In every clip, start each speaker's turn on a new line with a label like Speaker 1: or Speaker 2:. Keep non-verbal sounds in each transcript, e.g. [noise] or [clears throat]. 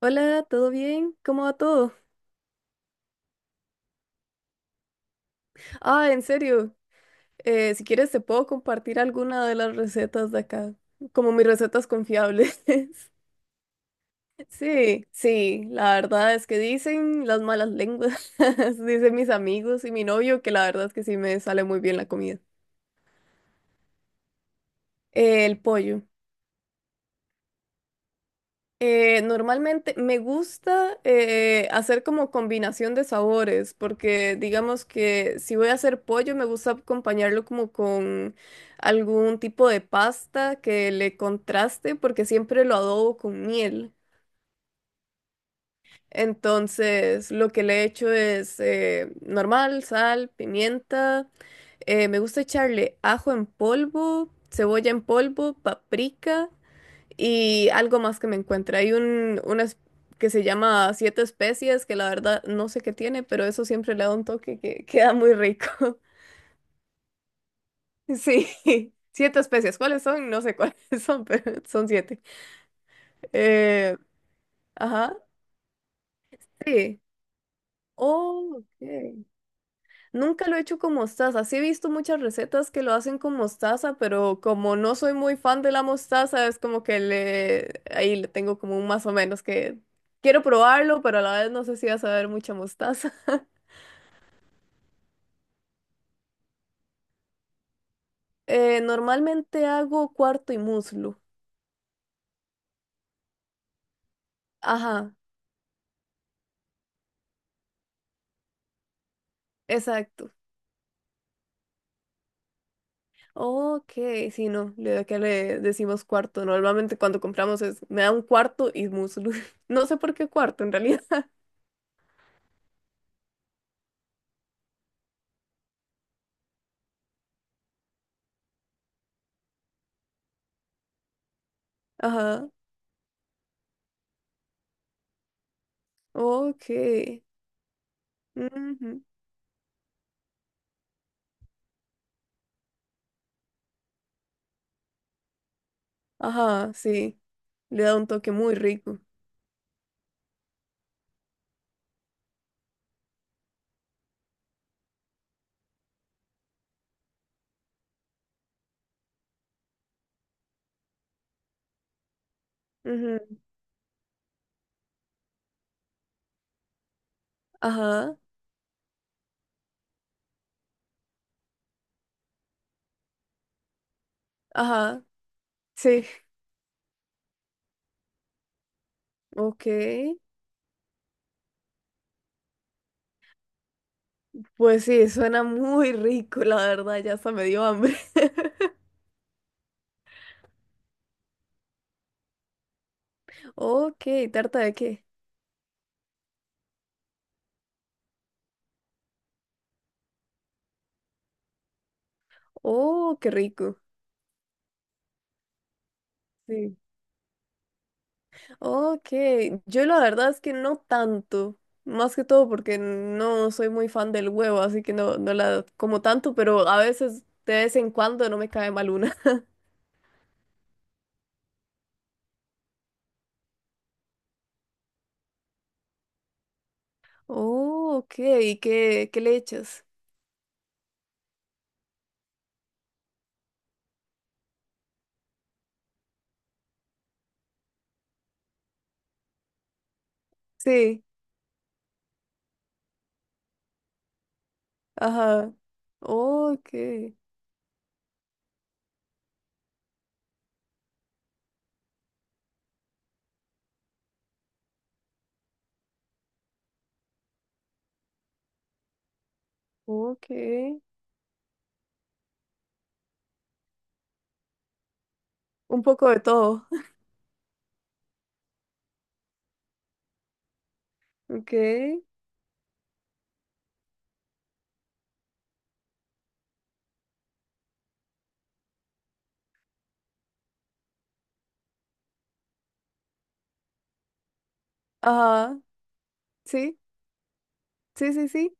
Speaker 1: Hola, ¿todo bien? ¿Cómo va todo? Ah, en serio, si quieres te puedo compartir alguna de las recetas de acá, como mis recetas confiables. [laughs] Sí, sí, la verdad es que dicen las malas lenguas, [laughs] dicen mis amigos y mi novio que la verdad es que sí me sale muy bien la comida. El pollo. Normalmente me gusta hacer como combinación de sabores, porque digamos que si voy a hacer pollo, me gusta acompañarlo como con algún tipo de pasta que le contraste, porque siempre lo adobo con miel. Entonces, lo que le he hecho es normal, sal, pimienta. Me gusta echarle ajo en polvo, cebolla en polvo, paprika y algo más que me encuentra. Hay una que se llama Siete Especies, que la verdad no sé qué tiene, pero eso siempre le da un toque que queda muy rico. [laughs] Sí, siete especies. ¿Cuáles son? No sé cuáles [laughs] son, pero son siete. Eh, ajá, sí. Oh, ok. Nunca lo he hecho con mostaza. Sí he visto muchas recetas que lo hacen con mostaza, pero como no soy muy fan de la mostaza, es como que le ahí le tengo como un más o menos que quiero probarlo, pero a la vez no sé si va a saber mucha mostaza. [laughs] Normalmente hago cuarto y muslo. Ajá, exacto. Ok, sí, no, acá le decimos cuarto. Normalmente cuando compramos es, me da un cuarto y muslo. [laughs] No sé por qué cuarto en realidad. [laughs] Ajá, ok. Ujú. Ajá, sí. Le da un toque muy rico. Ujú, ajá, ajá, sí, ok. Pues sí, suena muy rico, la verdad, ya hasta me dio hambre. [laughs] Ok, ¿tarta de qué? Oh, qué rico. Sí. Ok, yo la verdad es que no tanto. Más que todo porque no soy muy fan del huevo, así que no, no la como tanto, pero a veces, de vez en cuando, no me cae mal una. [laughs] Oh, ok, ¿y qué, qué le echas? Sí. Ajá. Oh, ok, ok. Un poco de todo. [laughs] Ok. Ajá. Sí, sí, sí, sí.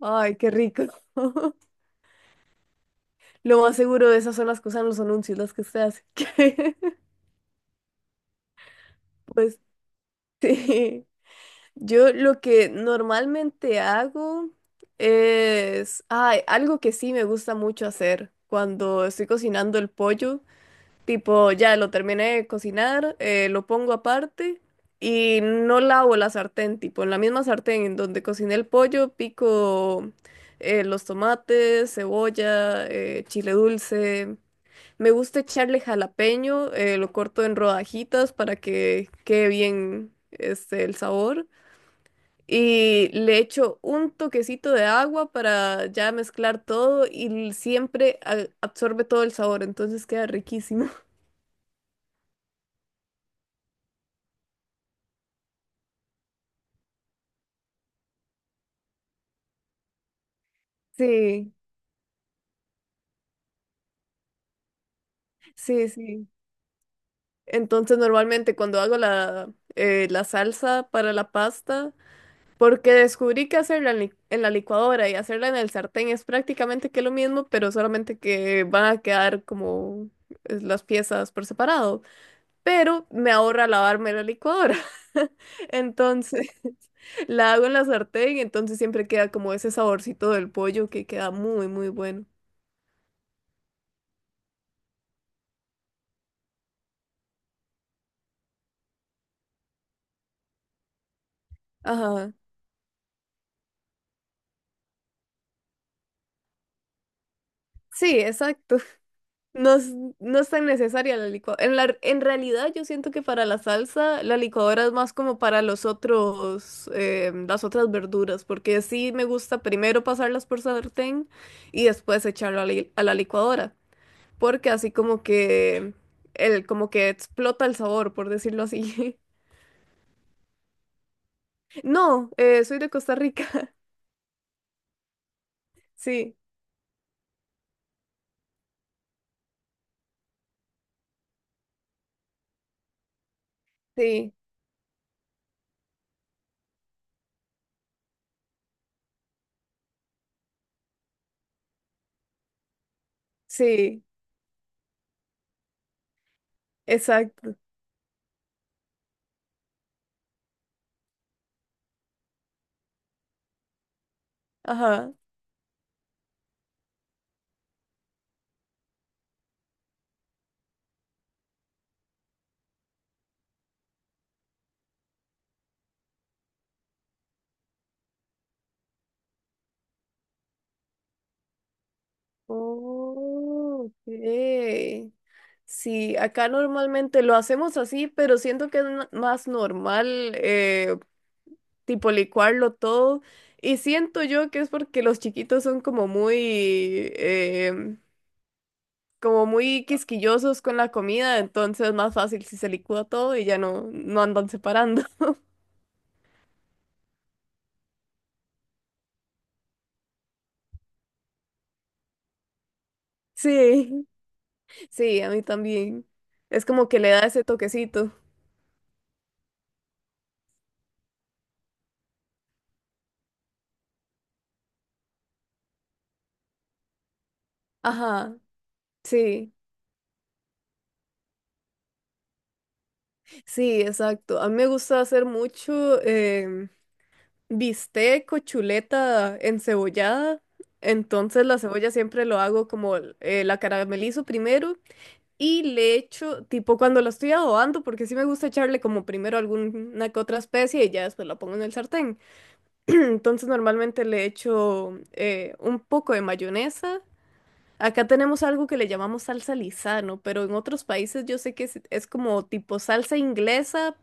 Speaker 1: Ay, qué rico. [laughs] Lo más seguro de esas son las cosas en los anuncios, las que usted hace. [laughs] Pues sí. Yo lo que normalmente hago es, ay, algo que sí me gusta mucho hacer cuando estoy cocinando el pollo. Tipo, ya lo terminé de cocinar, lo pongo aparte y no lavo la sartén, tipo, en la misma sartén en donde cociné el pollo, pico los tomates, cebolla, chile dulce. Me gusta echarle jalapeño, lo corto en rodajitas para que quede bien este, el sabor. Y le echo un toquecito de agua para ya mezclar todo y siempre absorbe todo el sabor, entonces queda riquísimo. [laughs] Sí. Sí, sí. Entonces, normalmente cuando hago la, la salsa para la pasta, porque descubrí que hacerla en, en la licuadora y hacerla en el sartén es prácticamente que lo mismo, pero solamente que van a quedar como las piezas por separado. Pero me ahorra lavarme la licuadora. [laughs] Entonces, [laughs] la hago en la sartén, entonces siempre queda como ese saborcito del pollo que queda muy, muy bueno. Ajá. Sí, exacto. No es, no es tan necesaria la licuadora. En la, en realidad yo siento que para la salsa la licuadora es más como para los otros, las otras verduras, porque sí me gusta primero pasarlas por sartén y después echarlo a la licuadora, porque así como que, el, como que explota el sabor, por decirlo así. [laughs] No, soy de Costa Rica. [laughs] Sí, sí, sí, exacto. Ajá. Oh, ok. Sí, acá normalmente lo hacemos así, pero siento que es más normal, tipo licuarlo todo. Y siento yo que es porque los chiquitos son como muy, em, como muy quisquillosos con la comida, entonces es más fácil si se licúa todo y ya no, no andan separando. [laughs] Sí, sí, a mí también. Es como que le da ese toquecito. Ajá, sí. Sí, exacto. A mí me gusta hacer mucho bistec o chuleta encebollada. Entonces la cebolla siempre lo hago como la caramelizo primero y le echo, tipo cuando la estoy adobando, porque sí me gusta echarle como primero alguna que otra especie y ya después la pongo en el sartén. [clears throat] Entonces normalmente le echo un poco de mayonesa. Acá tenemos algo que le llamamos salsa lisano, pero en otros países yo sé que es como tipo salsa inglesa.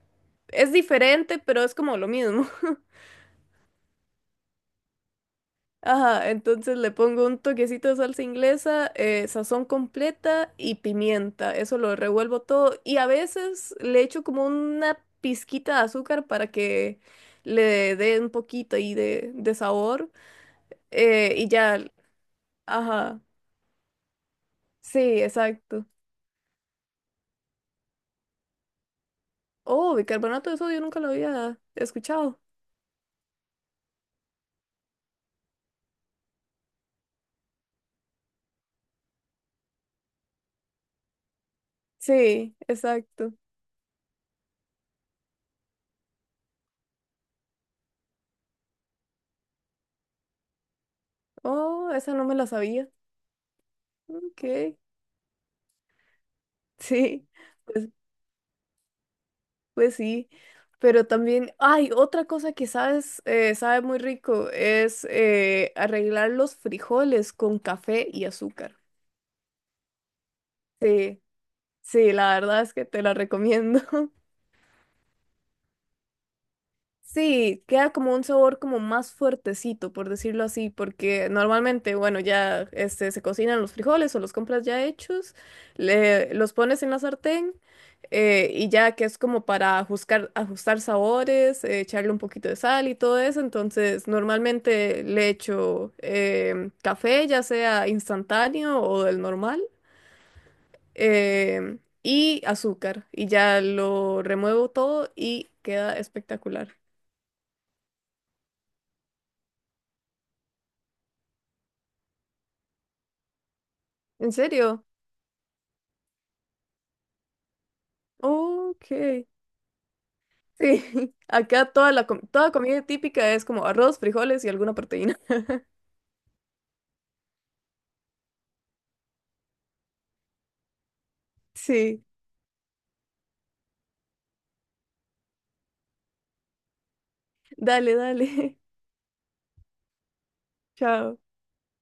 Speaker 1: Es diferente, pero es como lo mismo. [laughs] Ajá, entonces le pongo un toquecito de salsa inglesa, sazón completa y pimienta. Eso lo revuelvo todo y a veces le echo como una pizquita de azúcar para que le dé un poquito ahí de sabor. Y ya, ajá, sí, exacto. Oh, bicarbonato de sodio nunca lo había escuchado. Sí, exacto. Oh, esa no me la sabía. Ok, [laughs] sí, pues, pues sí. Pero también, ay, otra cosa que sabes, sabe muy rico es arreglar los frijoles con café y azúcar. Sí, sí, la verdad es que te la recomiendo. Sí, queda como un sabor como más fuertecito, por decirlo así, porque normalmente, bueno, ya este, se cocinan los frijoles o los compras ya hechos, los pones en la sartén y ya que es como para ajustar, ajustar sabores, echarle un poquito de sal y todo eso, entonces normalmente le echo café, ya sea instantáneo o del normal, y azúcar y ya lo remuevo todo y queda espectacular. ¿En serio? Ok, sí. [laughs] Acá toda la toda comida típica es como arroz, frijoles y alguna proteína. [laughs] Sí, dale, dale. [laughs] Chao.